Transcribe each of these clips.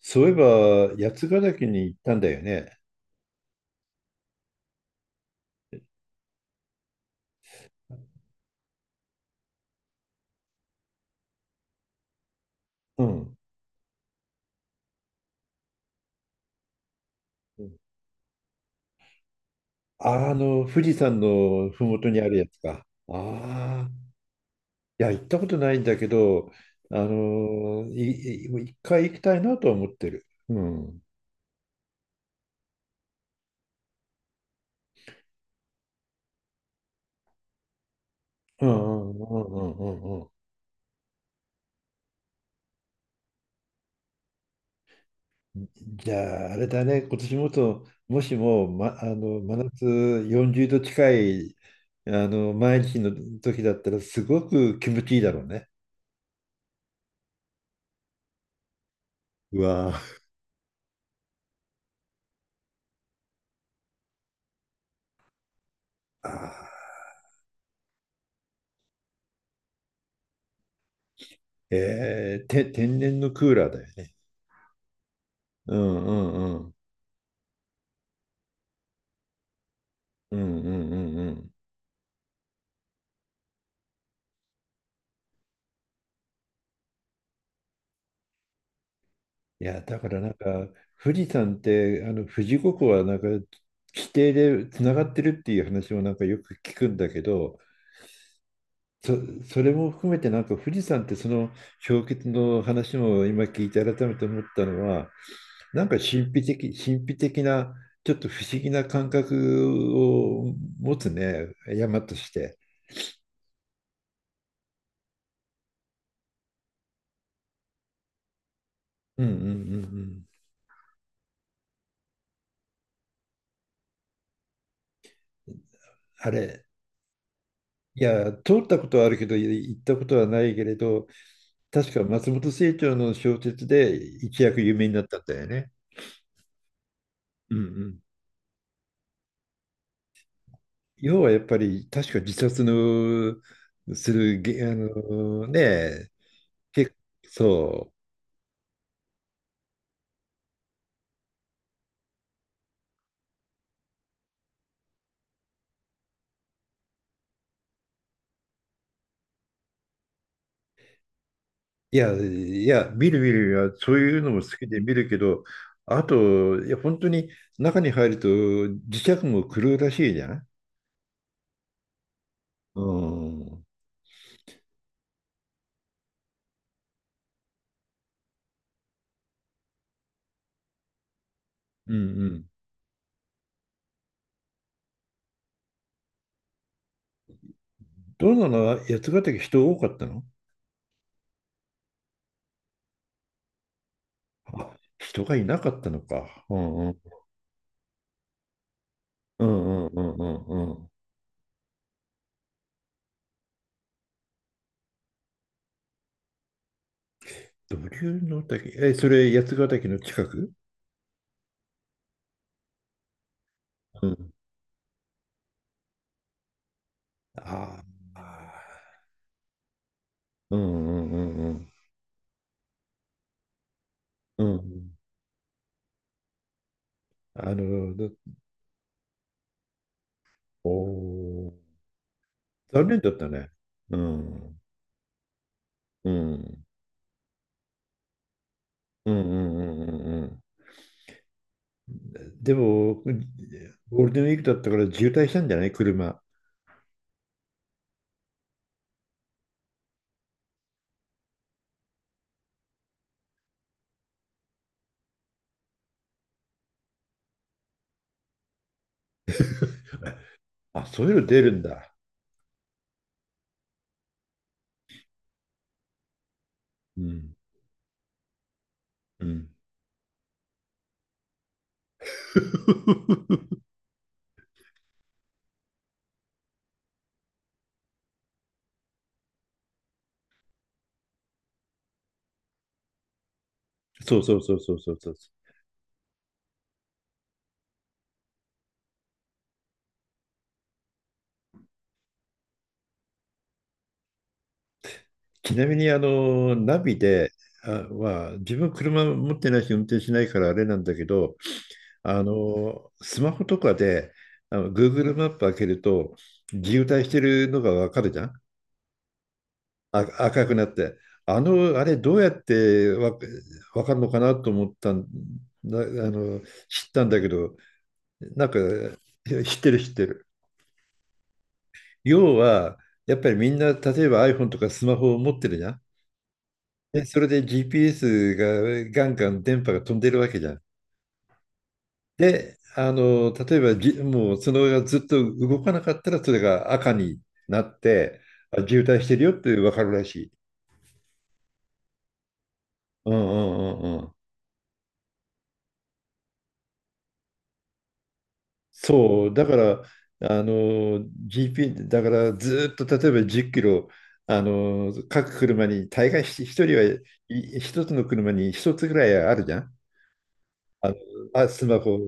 そういえば、八ヶ岳に行ったんだよね。うん。うん富士山のふもとにあるやつか。ああ。いや、行ったことないんだけど、あの、い一回行きたいなとは思ってる。うん。うんうんうんうんうんうん。じゃあ、あれだね、今年もと、もしも、真夏40度近い、毎日の時だったら、すごく気持ちいいだろうね。うわああ。天然のクーラーだよね。うんうんうん。うんうんうんうん。いや、だからなんか、富士山って、富士五湖はなんか、規定でつながってるっていう話もなんかよく聞くんだけど、そ、それも含めてなんか富士山ってその氷結の話も今聞いて改めて思ったのは、なんか神秘的な、ちょっと不思議な感覚を持つね、山として。うんうんうんうん。あれ、いや、通ったことはあるけど、行ったことはないけれど、確か松本清張の小説で一躍有名になったんだよね。うんうん。要はやっぱり、確か自殺のげあのね、結そう。いや、いや、見る見るよ、そういうのも好きで見るけど、あと、いや、本当に中に入ると磁石も狂うらしいじゃん。うんうんうん。どんなの、八ヶ岳、人多かったの？ あ、人がいなかったのか。うんうん。うんうんうんうんうん。土竜の滝。え、それ、八ヶ岳の近く？うんああうんうんうんうんうんあの、だおー、残念だったね。うんうんうんうんうんうんうん、でも、ゴールデンウィークだったから渋滞したんじゃない、車？あ、そういうの出るんだ。うんうん そうそうそうそうそうそう。ちなみに、ナビで、自分車持ってないし、運転しないからあれなんだけど、スマホとかで、Google マップ開けると、渋滞してるのがわかるじゃん？あ、赤くなって。あれ、どうやってわかるのかなと思ったんだ、の、知ったんだけど、なんか、知ってる、知ってる。要は、やっぱりみんな、例えば iPhone とかスマホを持ってるじゃん？で、それで GPS がガンガン電波が飛んでるわけじゃん。で、例えばもうその上がずっと動かなかったら、それが赤になって、あ、渋滞してるよって分かるらしい。うんうんうんうん。そう、だから、GP、だからずっと例えば10キロ、各車に、大概一人は、一つの車に一つぐらいあるじゃん。あの、あ、スマホ。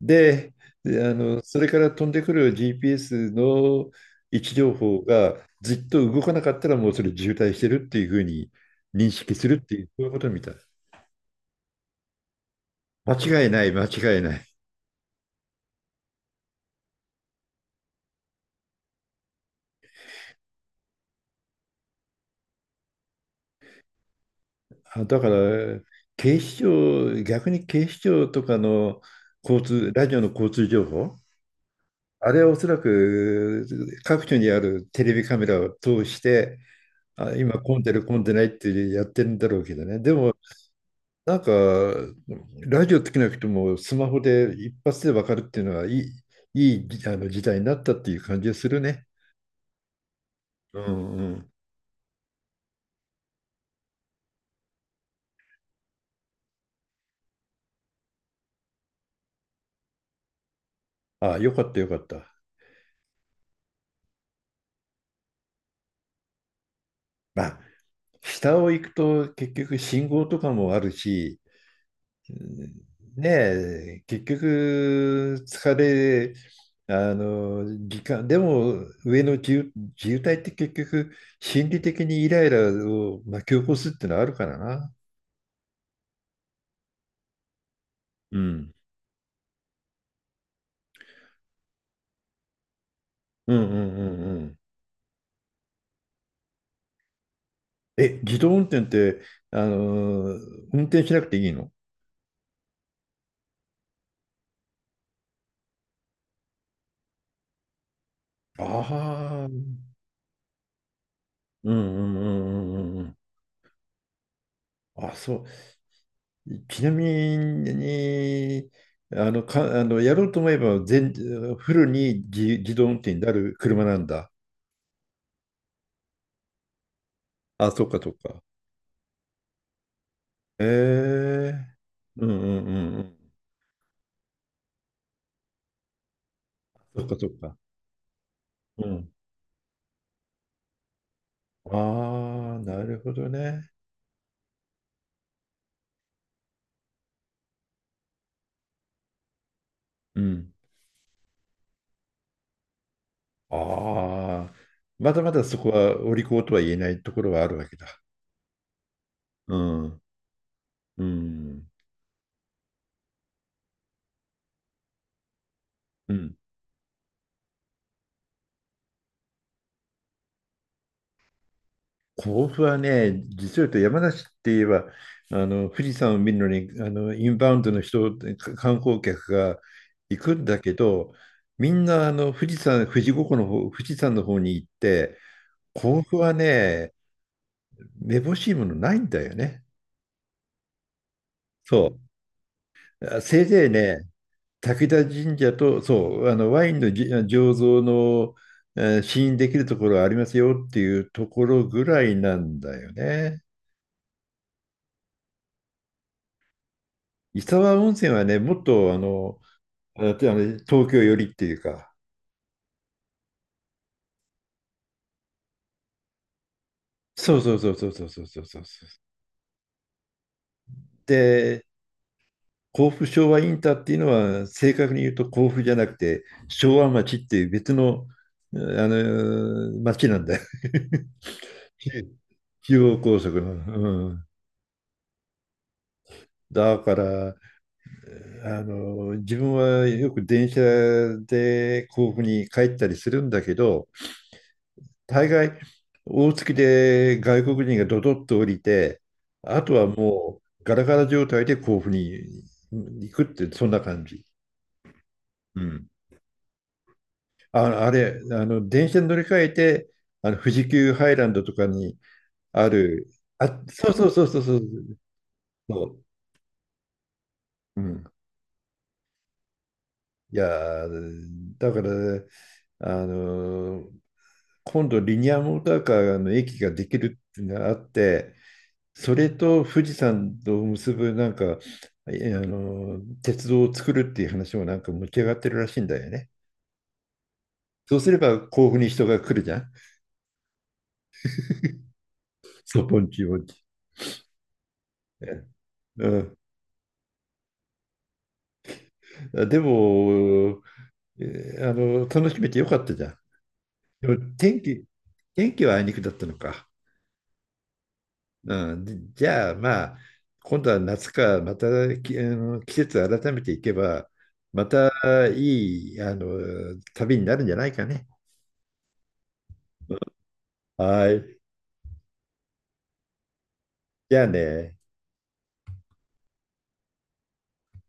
で、で、それから飛んでくる GPS の位置情報がずっと動かなかったらもうそれ渋滞してるっていうふうに認識するっていう、そういうことみたい。間違いない、間違いない。あ、だから、警視庁、逆に警視庁とかの交通、ラジオの交通情報、あれはおそらく各所にあるテレビカメラを通して、あ、今混んでる混んでないってやってるんだろうけどね。でも、なんか、ラジオつけなくてもスマホで一発でわかるっていうのはいい時代になったっていう感じがするね。うんうん。ああ、よかった、よかった。まあ、下を行くと結局信号とかもあるし、うんねえ、結局疲れ、時間、でも上の自由体って結局心理的にイライラを巻き起こすっていうのはあるからな。うん。うんうんうんうん。え、自動運転って、運転しなくていいの？ああー、うんうんうんうんうんうん。あ、そう。ちなみに、あの、か、あの、やろうと思えばフルに自動運転になる車なんだ？あ、そっかそっか。ええ、うんうんうんうん。そっかそっか。うん。ああ、なるほどね。うん。ああ、まだまだそこはお利口とは言えないところはあるわけだ。うん。うん。うん。甲府はね、実を言うと山梨って言えば、あの富士山を見るのにあのインバウンドの人、観光客が行くんだけど、みんなあの富士山、富士五湖の方、富士山の方に行って、甲府はね、めぼしいものないんだよね。そう。せいぜいね、滝田神社と、そう、あのワインの醸造の、試飲できるところありますよっていうところぐらいなんだよね。伊沢温泉はね、もっとあと東京寄りっていうか、そうそうそうそうそうそうそうそう。で、甲府昭和インターっていうのは、正確に言うと甲府じゃなくて、昭和町っていう別の、あ町なんだよ。中央高速の。うん、だから、自分はよく電車で甲府に帰ったりするんだけど、大概、大月で外国人がドドッと降りて、あとはもうガラガラ状態で甲府に行くって、そんな感じ。うん。あ、あれ、あの、電車に乗り換えて、富士急ハイランドとかにある、あ、そうそうそうそうそう、そう。うん。いやー、だから、あのー今度リニアモーターカーの駅ができるっていうのがあって、それと富士山と結ぶなんか、えあの、鉄道を作るっていう話もなんか持ち上がってるらしいんだよね。そうすれば甲府に人が来るじゃん。そう、ポンチポンチ。うん。でも、えあの、楽しめてよかったじゃん。でも天気はあいにくだったのか。うん。でじゃあ、まあ、今度は夏か、またき、あの、季節改めていけば、またいい旅になるんじゃないかね。はい。じゃあね。